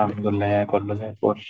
الحمد لله كله زي الفل.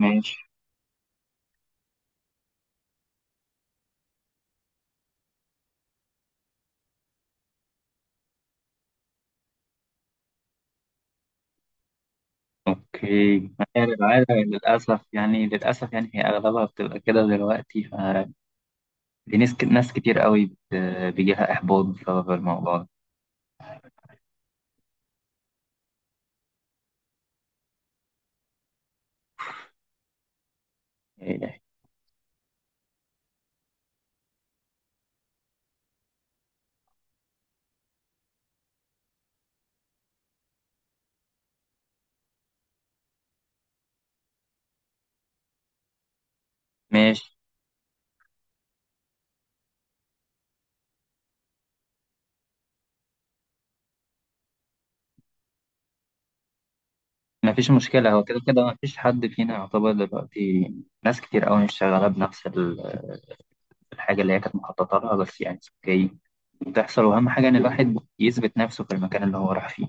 ماشي. اوكي، ما هي العادة للأسف، يعني للأسف يعني هي أغلبها بتبقى كده دلوقتي، فدي ناس كتير قوي بيجيلها إحباط بسبب الموضوع ده، يعني. ماشي، ما فيش مشكلة، هو كده كده ما فيش حد فينا يعتبر دلوقتي ناس كتير قوي مش شغالة بنفس الحاجة اللي هي كانت مخططة لها، بس يعني اوكي بتحصل، وأهم حاجة إن الواحد يثبت نفسه في المكان اللي هو راح فيه.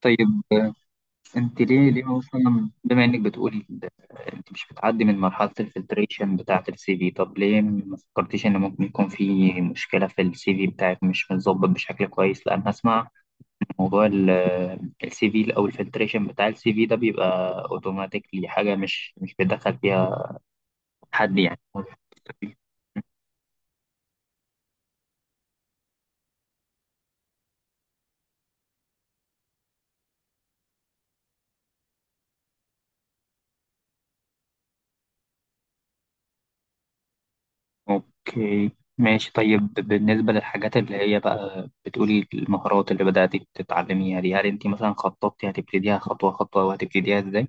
طيب، انت ليه اصلا بما انك بتقولي انت مش بتعدي من مرحله الفلتريشن بتاعه السي في؟ طب ليه ما فكرتيش ان ممكن يكون في مشكله في السي في بتاعك، مش متظبط بشكل كويس؟ لان اسمع، موضوع السي في او الفلتريشن بتاع السي في ده بيبقى اوتوماتيكلي، حاجه مش بيدخل فيها حد يعني. اوكي، ماشي. طيب، بالنسبة للحاجات اللي هي بقى بتقولي المهارات اللي بدأتي تتعلميها دي، هل انت مثلا خططتي هتبتديها خطوة خطوة، وهتبتديها ازاي؟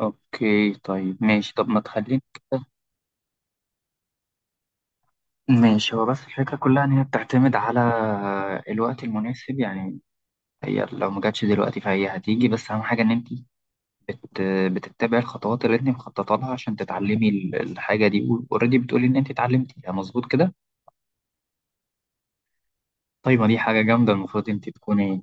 اوكي، طيب ماشي، طب ما تخليني. ماشي، هو بس الفكرة كلها ان هي بتعتمد على الوقت المناسب، يعني هي لو ما جاتش دلوقتي فهي هتيجي، بس اهم حاجة ان انت بت... بتتبعي الخطوات اللي انت مخططة لها عشان تتعلمي الحاجة دي. اوريدي بتقولي ان انت اتعلمتيها مظبوط كده. طيب، ما دي حاجة جامدة، المفروض انت تكوني.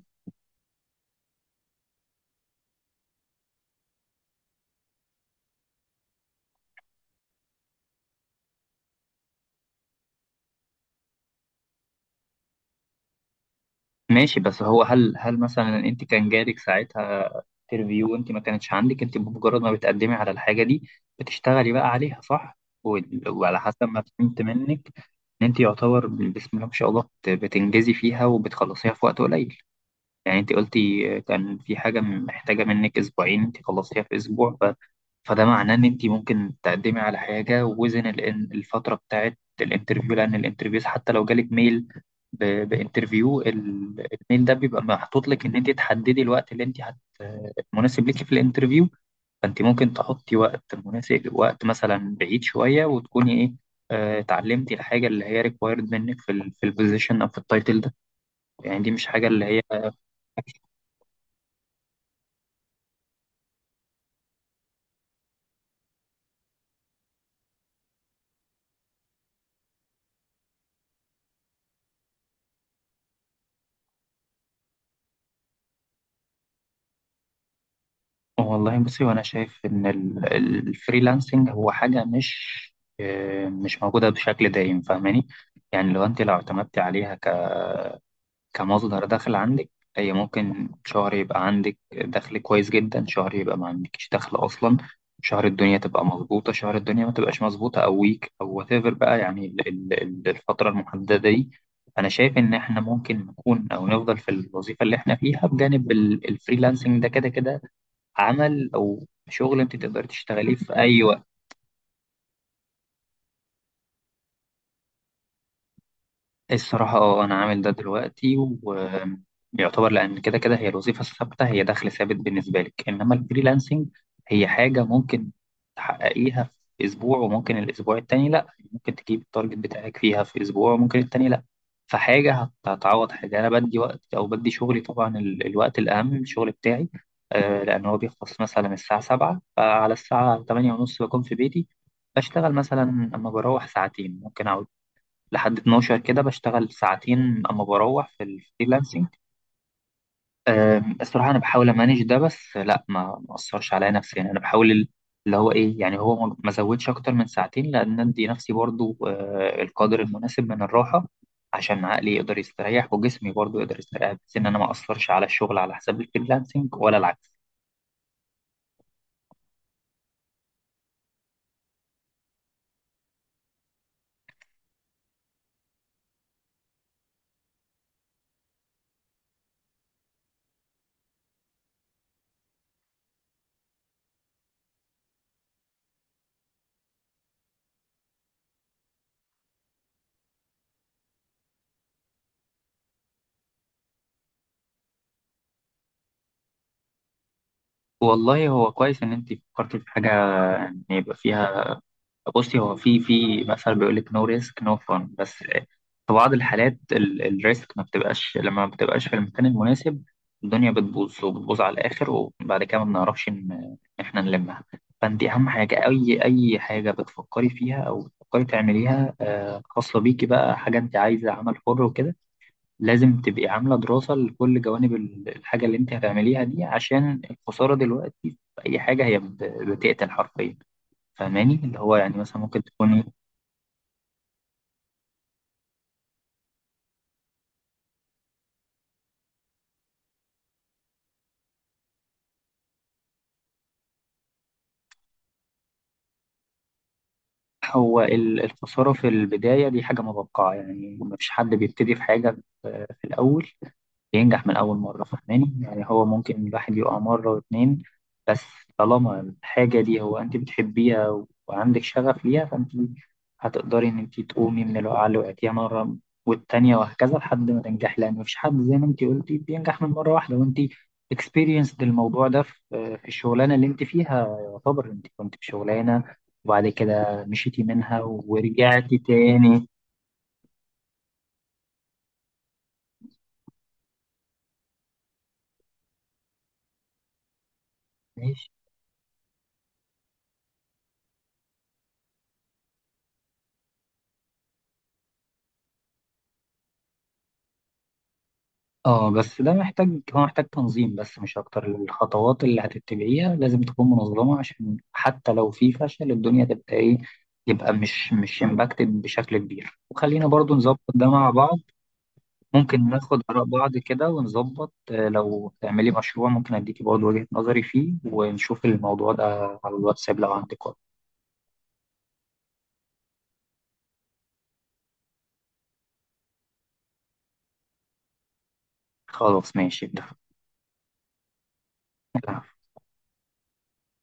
ماشي، بس هو هل مثلا انت كان جالك ساعتها انترفيو؟ انت ما كانتش عندك، انت بمجرد ما بتقدمي على الحاجه دي بتشتغلي بقى عليها، صح؟ وال- وعلى حسب ما فهمت منك ان انت يعتبر بسم الله ما شاء الله بتنجزي فيها وبتخلصيها في وقت قليل. يعني انت قلتي كان في حاجة محتاجة منك اسبوعين، انت خلصتيها في اسبوع، فده معناه ان انت ممكن تقدمي على حاجة وزن الفترة بتاعت الانترفيو، لان الانترفيوز حتى لو جالك ميل بانترفيو، الميل ده بيبقى محطوط لك ان انت تحددي الوقت اللي انت مناسب ليكي في الانترفيو. فانت ممكن تحطي وقت مناسب، وقت مثلا بعيد شوية، وتكوني ايه، اتعلمتي الحاجة اللي هي ريكوايرد منك في ال في البوزيشن او في التايتل ده. يعني دي مش حاجة اللي هي. والله بصي، وانا شايف ان الفريلانسنج هو حاجه مش، مش موجوده بشكل دايم، فاهماني؟ يعني لو انت لو اعتمدتي عليها كمصدر دخل عندك، هي ممكن شهر يبقى عندك دخل كويس جدا، شهر يبقى ما عندكش دخل اصلا، شهر الدنيا تبقى مظبوطه، شهر الدنيا ما تبقاش مظبوطه، او ويك او وات ايفر بقى، يعني الفتره المحدده دي. انا شايف ان احنا ممكن نكون او نفضل في الوظيفه اللي احنا فيها بجانب الفريلانسنج، ده كده كده عمل او شغل انت تقدر تشتغليه في اي وقت. الصراحة اه أنا عامل ده دلوقتي، ويعتبر لأن كده كده هي الوظيفة الثابتة هي دخل ثابت بالنسبة لك، إنما الفريلانسنج هي حاجة ممكن تحققيها في أسبوع وممكن الأسبوع التاني لأ، ممكن تجيب التارجت بتاعك فيها في أسبوع وممكن التاني لأ، فحاجة هتعوض حاجة. أنا بدي وقت أو بدي شغلي طبعا، الوقت الأهم الشغل بتاعي، لأن هو بيخلص مثلا الساعة سبعة، فعلى الساعة تمانية ونص بكون في بيتي بشتغل مثلا. أما بروح ساعتين، ممكن أقعد لحد 12 كده بشتغل ساعتين اما بروح في الفريلانسنج. الصراحه انا بحاول امانج ده، بس لا، ما اثرش عليا نفسيا، يعني انا بحاول اللي هو ايه، يعني هو ما زودش اكتر من ساعتين، لان ادي نفسي برضو القدر المناسب من الراحه عشان عقلي يقدر يستريح وجسمي برضو يقدر يستريح، بس ان انا ما اثرش على الشغل على حساب الفريلانسنج ولا العكس. والله هو كويس ان انت فكرتي في حاجه ان يبقى فيها. بصي، هو في في مثلا بيقول لك نو ريسك نو فن، بس في بعض الحالات الريسك ما بتبقاش لما ما بتبقاش في المكان المناسب الدنيا بتبوظ وبتبوظ على الاخر، وبعد كده ما بنعرفش ان إن احنا نلمها. فانت اهم حاجه اي اي حاجه بتفكري فيها او بتفكري تعمليها، خاصه بيكي بقى حاجه انت عايزه عمل حر وكده، لازم تبقي عامله دراسه لكل جوانب الحاجه اللي انت هتعمليها دي، عشان الخساره دلوقتي في اي حاجه هي بتقتل حرفيا، فاهماني؟ اللي هو يعني مثلا ممكن تكون، هو الخسارة في البداية دي حاجة متوقعة، يعني مفيش حد بيبتدي في حاجة في في الأول بينجح من أول مرة، فاهماني؟ يعني هو ممكن الواحد يقع مرة واتنين، بس طالما الحاجة دي هو أنت بتحبيها وعندك شغف ليها، فأنت هتقدري إن أنت تقومي من الوقعة اللي وقعتيها مرة والتانية وهكذا لحد ما تنجحي، لأن مفيش حد زي ما أنت قلتي بينجح من مرة واحدة. وأنت experienced الموضوع ده في في الشغلانة اللي أنت فيها، يعتبر أنت كنت في شغلانة وبعد كده مشيتي منها ورجعتي تاني. اه بس ده محتاج، هو محتاج تنظيم بس مش اكتر، الخطوات اللي هتتبعيها لازم تكون منظمة عشان حتى لو في فشل الدنيا تبقى ايه، يبقى مش امباكتد بشكل كبير، وخلينا برضو نظبط ده مع بعض. ممكن ناخد آراء بعض كده ونظبط، لو تعملي مشروع ممكن اديكي برضو وجهة نظري فيه ونشوف الموضوع ده على الواتساب لو عندك وقت. خلاص ماشي ده.